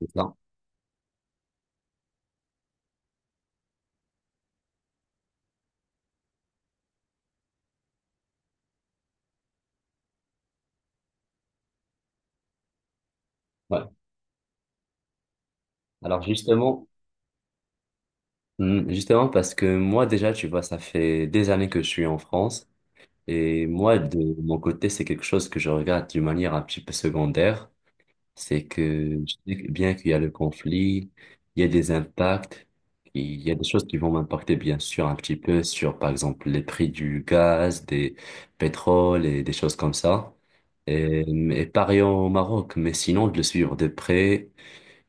C'est ça. Ouais. Alors justement, parce que moi déjà, tu vois, ça fait des années que je suis en France, et moi de mon côté, c'est quelque chose que je regarde d'une manière un petit peu secondaire. C'est que je sais que bien qu'il y a le conflit, il y a des impacts, il y a des choses qui vont m'impacter bien sûr un petit peu sur par exemple les prix du gaz, des pétroles et des choses comme ça. Et, et pareil au Maroc, mais sinon de le suivre de près,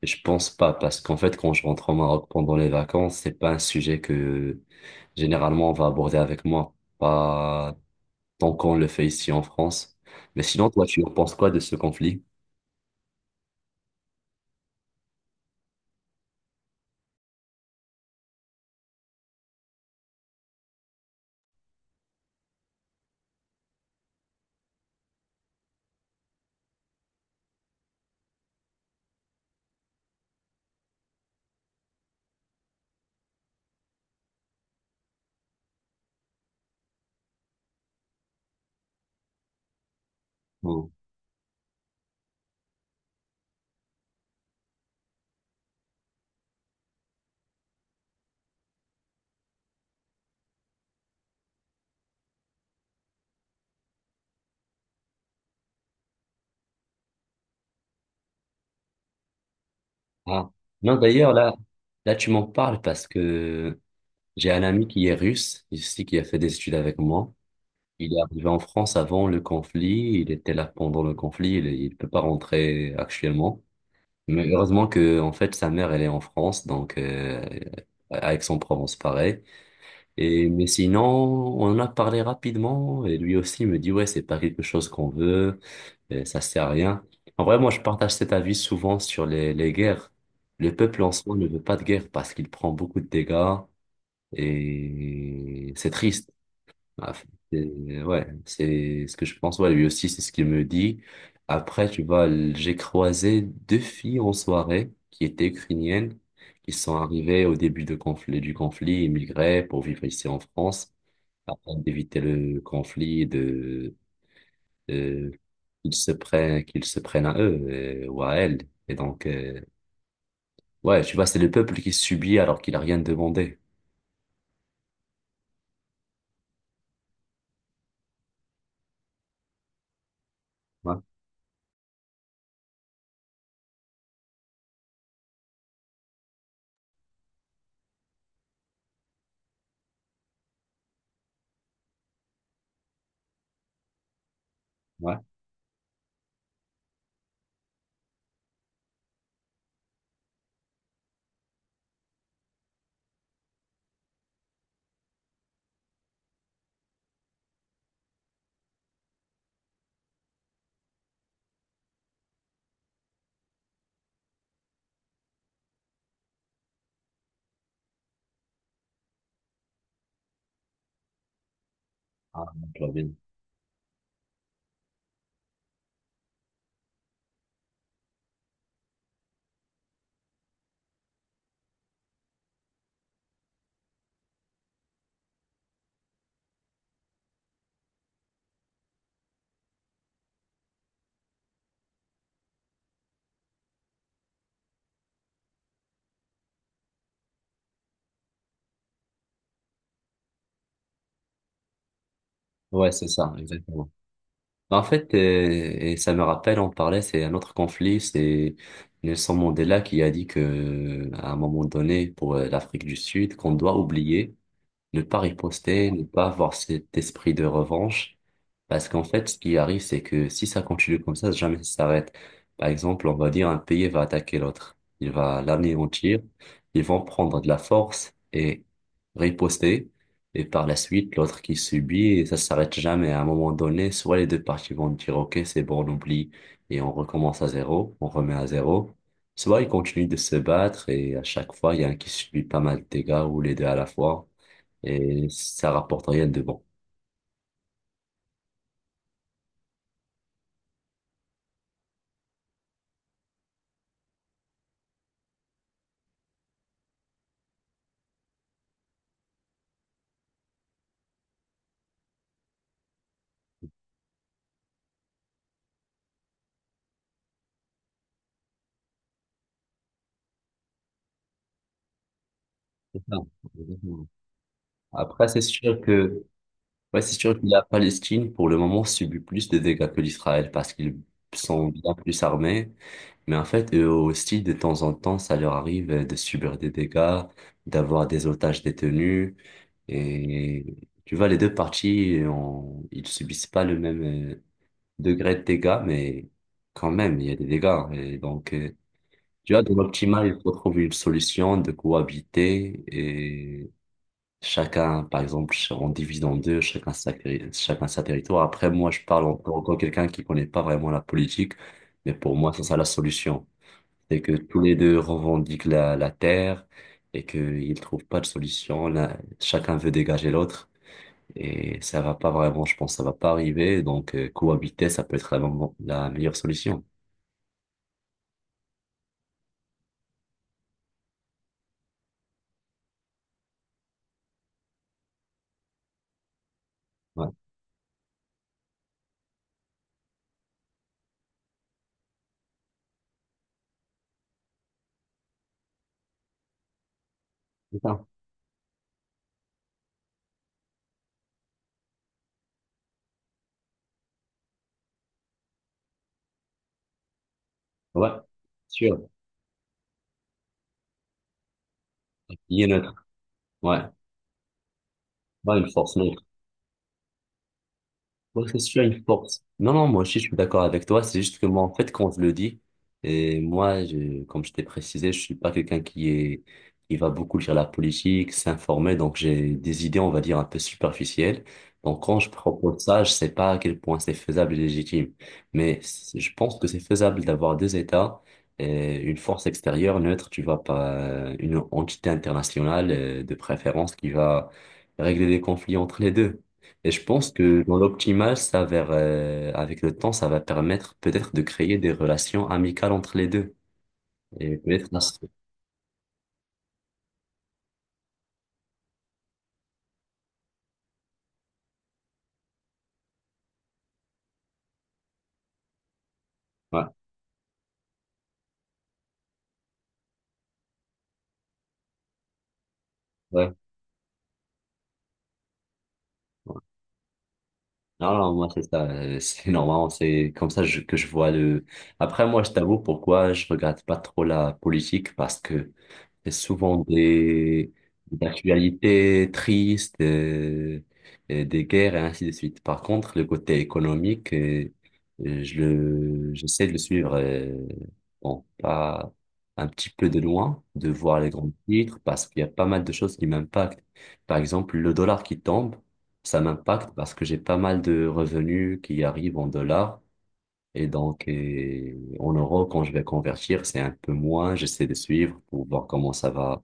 je pense pas, parce qu'en fait, quand je rentre au Maroc pendant les vacances, c'est pas un sujet que généralement on va aborder avec moi, pas tant qu'on le fait ici en France. Mais sinon, toi, tu en penses quoi de ce conflit? Non. Ah. Non, d'ailleurs, là, là, tu m'en parles parce que j'ai un ami qui est russe, ici, qui a fait des études avec moi. Il est arrivé en France avant le conflit, il était là pendant le conflit, il ne peut pas rentrer actuellement. Mais heureusement que, en fait, sa mère, elle est en France, donc à Aix-en-Provence, pareil. Et mais sinon, on en a parlé rapidement, et lui aussi me dit ouais, c'est pas quelque chose qu'on veut, et ça sert à rien. En vrai, moi, je partage cet avis souvent sur les guerres. Le peuple en soi ne veut pas de guerre parce qu'il prend beaucoup de dégâts et c'est triste. Ah, ouais, c'est ce que je pense. Ouais, lui aussi, c'est ce qu'il me dit. Après, tu vois, j'ai croisé deux filles en soirée qui étaient ukrainiennes, qui sont arrivées au début de conflit, du conflit, immigrées pour vivre ici en France, afin d'éviter le conflit, de qu'ils se prennent à eux ou à elles. Et donc, ouais, tu vois, c'est le peuple qui subit alors qu'il a rien demandé. Ouais, ouais. Ah, je vois bien. Ouais, c'est ça, exactement. Bah, en fait, et ça me rappelle, on parlait, c'est un autre conflit, c'est Nelson Mandela qui a dit que, à un moment donné, pour l'Afrique du Sud, qu'on doit oublier. Ne pas riposter, ne pas avoir cet esprit de revanche. Parce qu'en fait, ce qui arrive, c'est que si ça continue comme ça, jamais ça s'arrête. Par exemple, on va dire un pays va attaquer l'autre. Il va l'anéantir. Ils vont prendre de la force et riposter. Et par la suite, l'autre qui subit, et ça s'arrête jamais. À un moment donné, soit les deux parties vont dire, OK, c'est bon, on oublie et on recommence à zéro, on remet à zéro. Soit ils continuent de se battre et à chaque fois, il y a un qui subit pas mal de dégâts ou les deux à la fois, et ça rapporte rien de bon. C'est ça. Exactement. Après, c'est sûr que, ouais, c'est sûr que la Palestine, pour le moment, subit plus de dégâts que l'Israël parce qu'ils sont bien plus armés. Mais en fait, eux aussi, de temps en temps, ça leur arrive de subir des dégâts, d'avoir des otages détenus. Et tu vois, les deux parties, ils subissent pas le même degré de dégâts, mais quand même, il y a des dégâts, hein. Et donc, tu vois, dans l'optimal, il faut trouver une solution de cohabiter, et chacun, par exemple, on divise en deux, chacun sa territoire. Après, moi, je parle encore tant quelqu'un qui connaît pas vraiment la politique, mais pour moi, c'est ça la solution. C'est que tous les deux revendiquent la terre et qu'ils ne trouvent pas de solution. Là, chacun veut dégager l'autre et ça va pas vraiment, je pense, ça va pas arriver. Donc, cohabiter, ça peut être la meilleure solution. Ouais, c'est ça. Ouais, sûr. Il est neutre. Ouais. Pas une force, non. Ouais, c'est sûr, une force. Non, non, moi aussi, je suis d'accord avec toi. C'est juste que moi, en fait, quand je le dis, et moi, je, comme je t'ai précisé, je suis pas quelqu'un qui est, qui va beaucoup lire la politique, s'informer. Donc, j'ai des idées, on va dire, un peu superficielles. Donc, quand je propose ça, je sais pas à quel point c'est faisable et légitime. Mais je pense que c'est faisable d'avoir deux États, et une force extérieure neutre, tu vois, pas une entité internationale, de préférence qui va régler les conflits entre les deux. Et je pense que dans l'optimal, ça va, avec le temps, ça va permettre peut-être de créer des relations amicales entre les deux. Et peut-être là, ouais, ouais, ouais. Non, non, moi, c'est ça, c'est normal. C'est comme ça que je vois le. Après, moi, je t'avoue pourquoi je regarde pas trop la politique, parce que c'est souvent des actualités tristes, et des guerres et ainsi de suite. Par contre, le côté économique, j'essaie de le suivre, bon, pas un petit peu de loin, de voir les grands titres, parce qu'il y a pas mal de choses qui m'impactent. Par exemple, le dollar qui tombe, ça m'impacte parce que j'ai pas mal de revenus qui arrivent en dollars. Et donc, et en euros, quand je vais convertir, c'est un peu moins. J'essaie de suivre pour voir comment ça va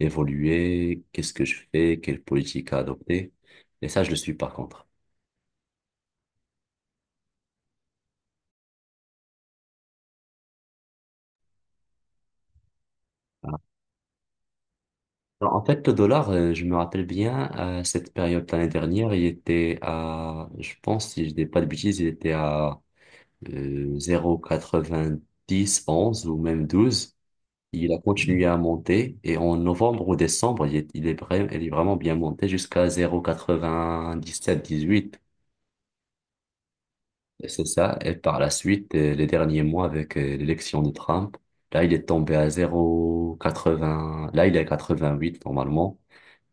évoluer, qu'est-ce que je fais, quelle politique à adopter. Et ça, je le suis par contre. Voilà. Alors, en fait, le dollar, je me rappelle bien, à cette période l'année dernière, il était à, je pense, si je dis pas de bêtises, il était à euh, 10, 11 ou même 12 Il a continué à monter et en novembre ou décembre, il est vraiment bien monté jusqu'à 0,97-18. Et c'est ça. Et par la suite, les derniers mois avec l'élection de Trump, là, il est tombé à 0,80. Là, il est à huit normalement.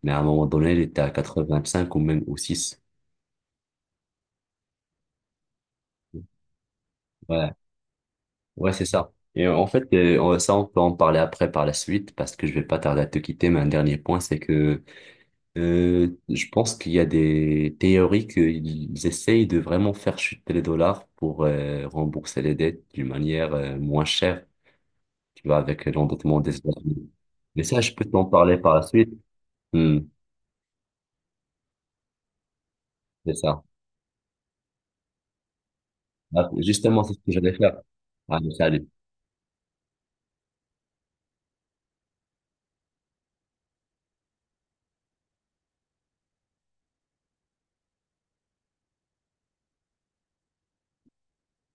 Mais à un moment donné, il était à 85 ou même au six. Ouais, ouais, c'est ça. Et en fait, ça, on peut en parler après par la suite parce que je vais pas tarder à te quitter. Mais un dernier point, c'est que je pense qu'il y a des théories qu'ils essayent de vraiment faire chuter les dollars pour rembourser les dettes d'une manière moins chère, tu vois, avec l'endettement des États-Unis. Mais ça, je peux t'en parler par la suite. Hmm, c'est ça. Ah, justement, c'est ce que j'allais faire. Ah, mais ça,